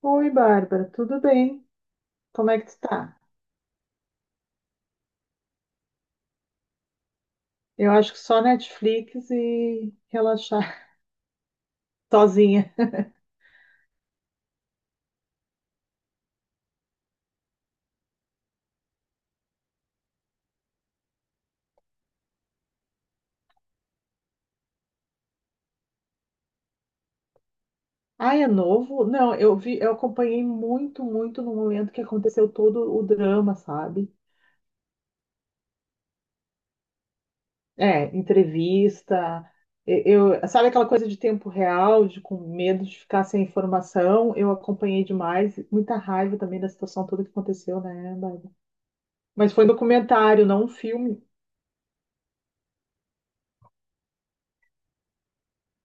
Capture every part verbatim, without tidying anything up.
Oi, Bárbara, tudo bem? Como é que tu tá? Eu acho que só Netflix e relaxar sozinha. Ah, é novo? Não, eu vi, eu acompanhei muito, muito no momento que aconteceu todo o drama, sabe? É, entrevista, e- eu, sabe aquela coisa de tempo real, de com medo de ficar sem informação? Eu acompanhei demais, muita raiva também da situação toda que aconteceu, né, Bárbara? Mas foi um documentário, não um filme.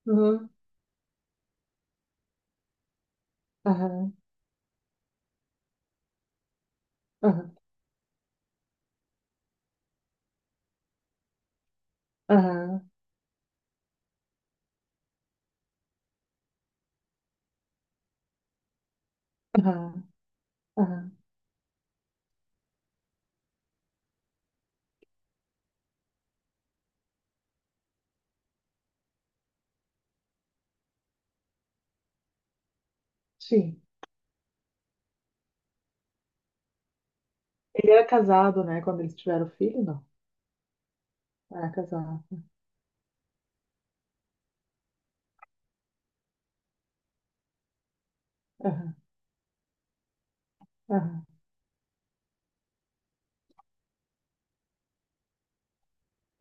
Aham, aham, aham, aham, aham. Aham. Sim. Ele era casado, né? Quando eles tiveram filho, não. Era casado. Aham, aham,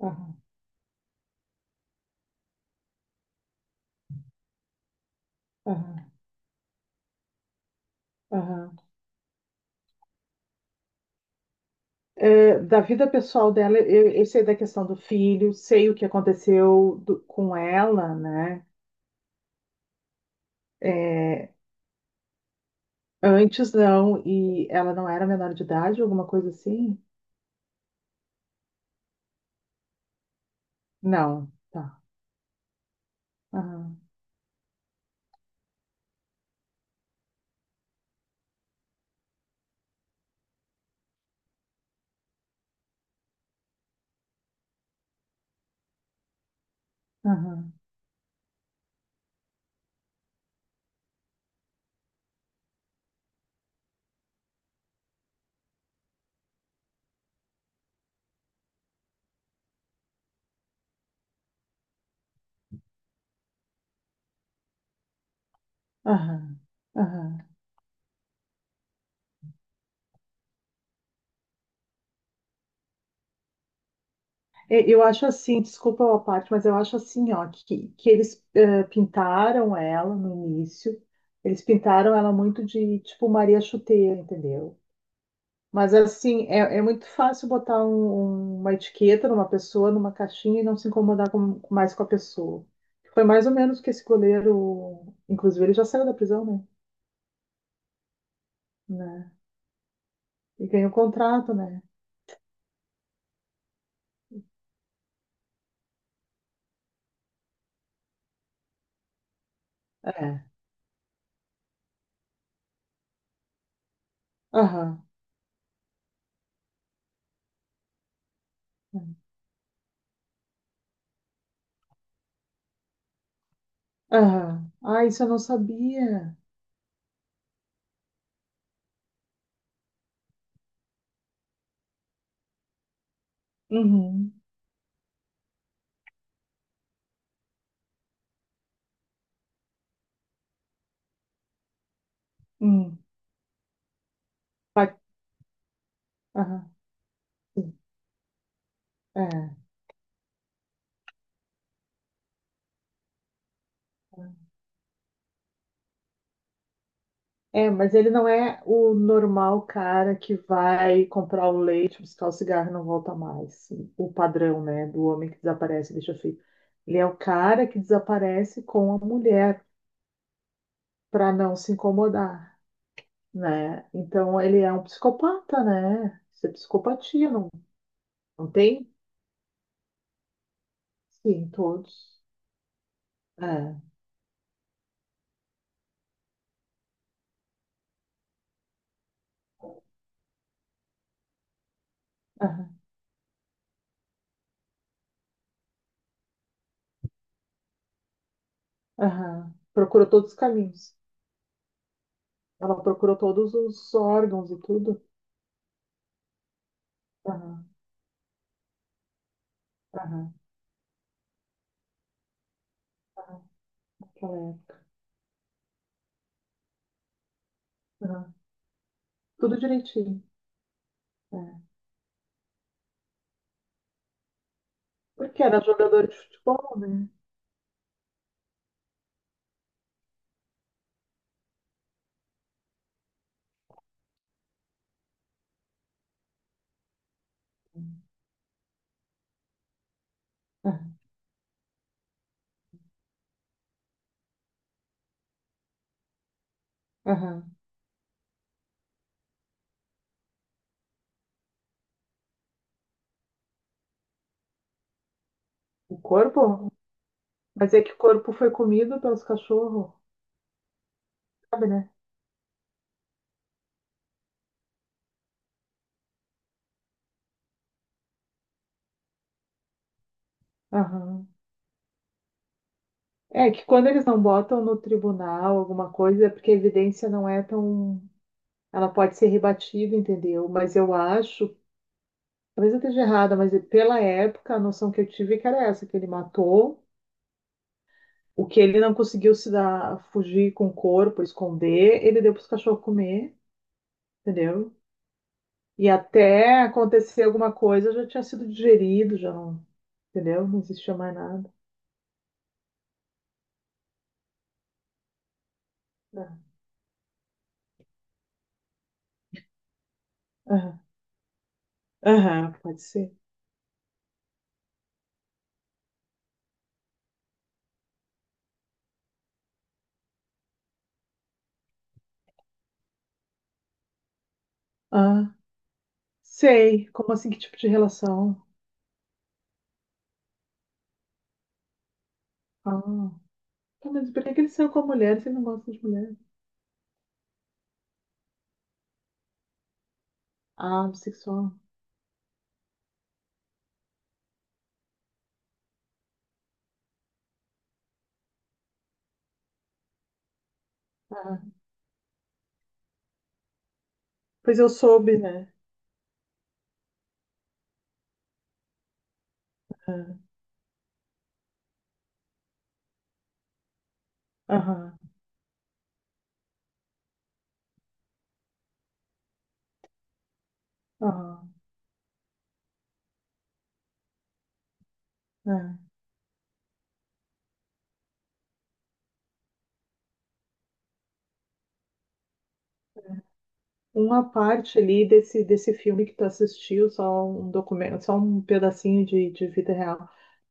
aham, aham, aham. É, da vida pessoal dela, eu, eu sei da questão do filho, sei o que aconteceu do- com ela, né? É, antes não, e ela não era menor de idade, alguma coisa assim? Não, tá. Aham, aham, aham, aham. É, eu acho assim, desculpa a parte, mas eu acho assim, ó, que, que eles eh, pintaram ela no início, eles pintaram ela muito de tipo Maria Chuteira, entendeu? Mas assim, é, é muito fácil botar um- um, uma etiqueta numa pessoa, numa caixinha e não se incomodar com- com- mais com a pessoa. Foi mais ou menos que esse goleiro, inclusive ele já saiu da prisão, né? Né? E ganhou contrato, né? É. Aham. Aham. Ah, isso eu não sabia. Uhum. Uhum. Vai. Aham. É, é, mas ele não é o normal cara que vai comprar o leite, buscar o cigarro e não volta mais. O padrão, né, do homem que desaparece e deixa filho. Ele é o cara que desaparece com a mulher para não se incomodar, né? Então ele é um psicopata, né? Isso é psicopatia, não, não tem? Sim, todos. É, aham, aham. Procurou todos os caminhos. Ela procurou todos os órgãos e tudo. Aham, aham, aham. Aquela aham. Tudo direitinho. É. Porque era jogador de futebol, né? É. Aham. O corpo? Mas é que o corpo foi comido pelos cachorros, sabe, né? Aham. É que quando eles não botam no tribunal alguma coisa, é porque a evidência não é tão. Ela pode ser rebatida, entendeu? Mas eu acho, talvez eu esteja errada, mas pela época a noção que eu tive é que era essa, que ele matou, o que ele não conseguiu se dar, fugir com o corpo, esconder, ele deu para os cachorros comer, entendeu? E até acontecer alguma coisa já tinha sido digerido, já não, entendeu? Não existia mais nada. Ah, aham, aham, pode ser. Ah, sei. Como assim, que tipo de relação? Ah, tá, mas por que que ele saiu com a mulher se ele não gosta de mulher? Ah, bissexual. Ah, pois eu soube, né? Ah, aham, aham, aham. Uma parte ali desse, desse filme que tu assistiu, só um documento, só um pedacinho de, de vida real.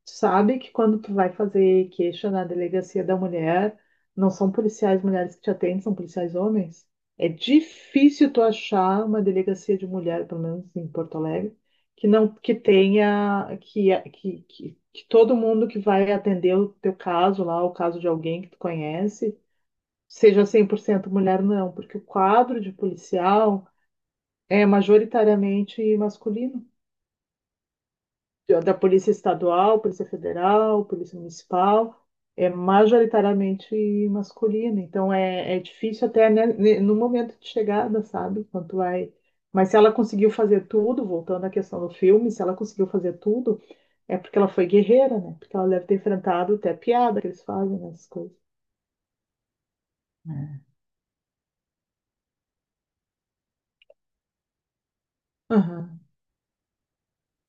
Tu sabe que quando tu vai fazer queixa na delegacia da mulher, não são policiais mulheres que te atendem, são policiais homens. É difícil tu achar uma delegacia de mulher, pelo menos em Porto Alegre, que não que tenha que, que, que, que todo mundo que vai atender o teu caso lá, o caso de alguém que tu conhece, seja cem por cento mulher, não, porque o quadro de policial é majoritariamente masculino. Da Polícia Estadual, Polícia Federal, Polícia Municipal, é majoritariamente masculino. Então é, é difícil até né, ne- no momento de chegada, sabe? Quando vai. Mas se ela conseguiu fazer tudo, voltando à questão do filme, se ela conseguiu fazer tudo, é porque ela foi guerreira, né? Porque ela deve ter enfrentado até piada que eles fazem nessas coisas. Aham,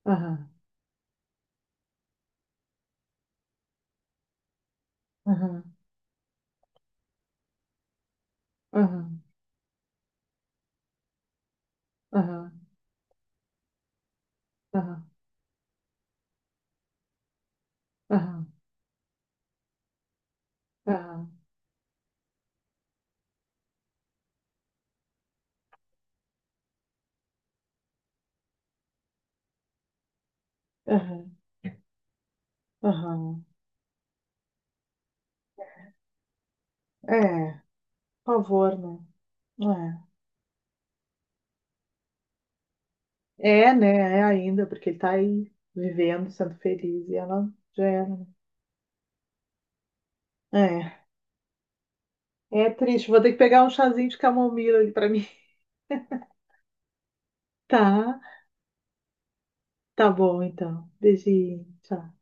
aham, aham, aham, aham, aham, aham, aham, aham, aham. É. Por favor, né? É, é né? É ainda, porque ele tá aí vivendo, sendo feliz, e ela já era. Né? É, é triste. Vou ter que pegar um chazinho de camomila ali pra mim. Tá, tá bom então. Beijinho, tchau.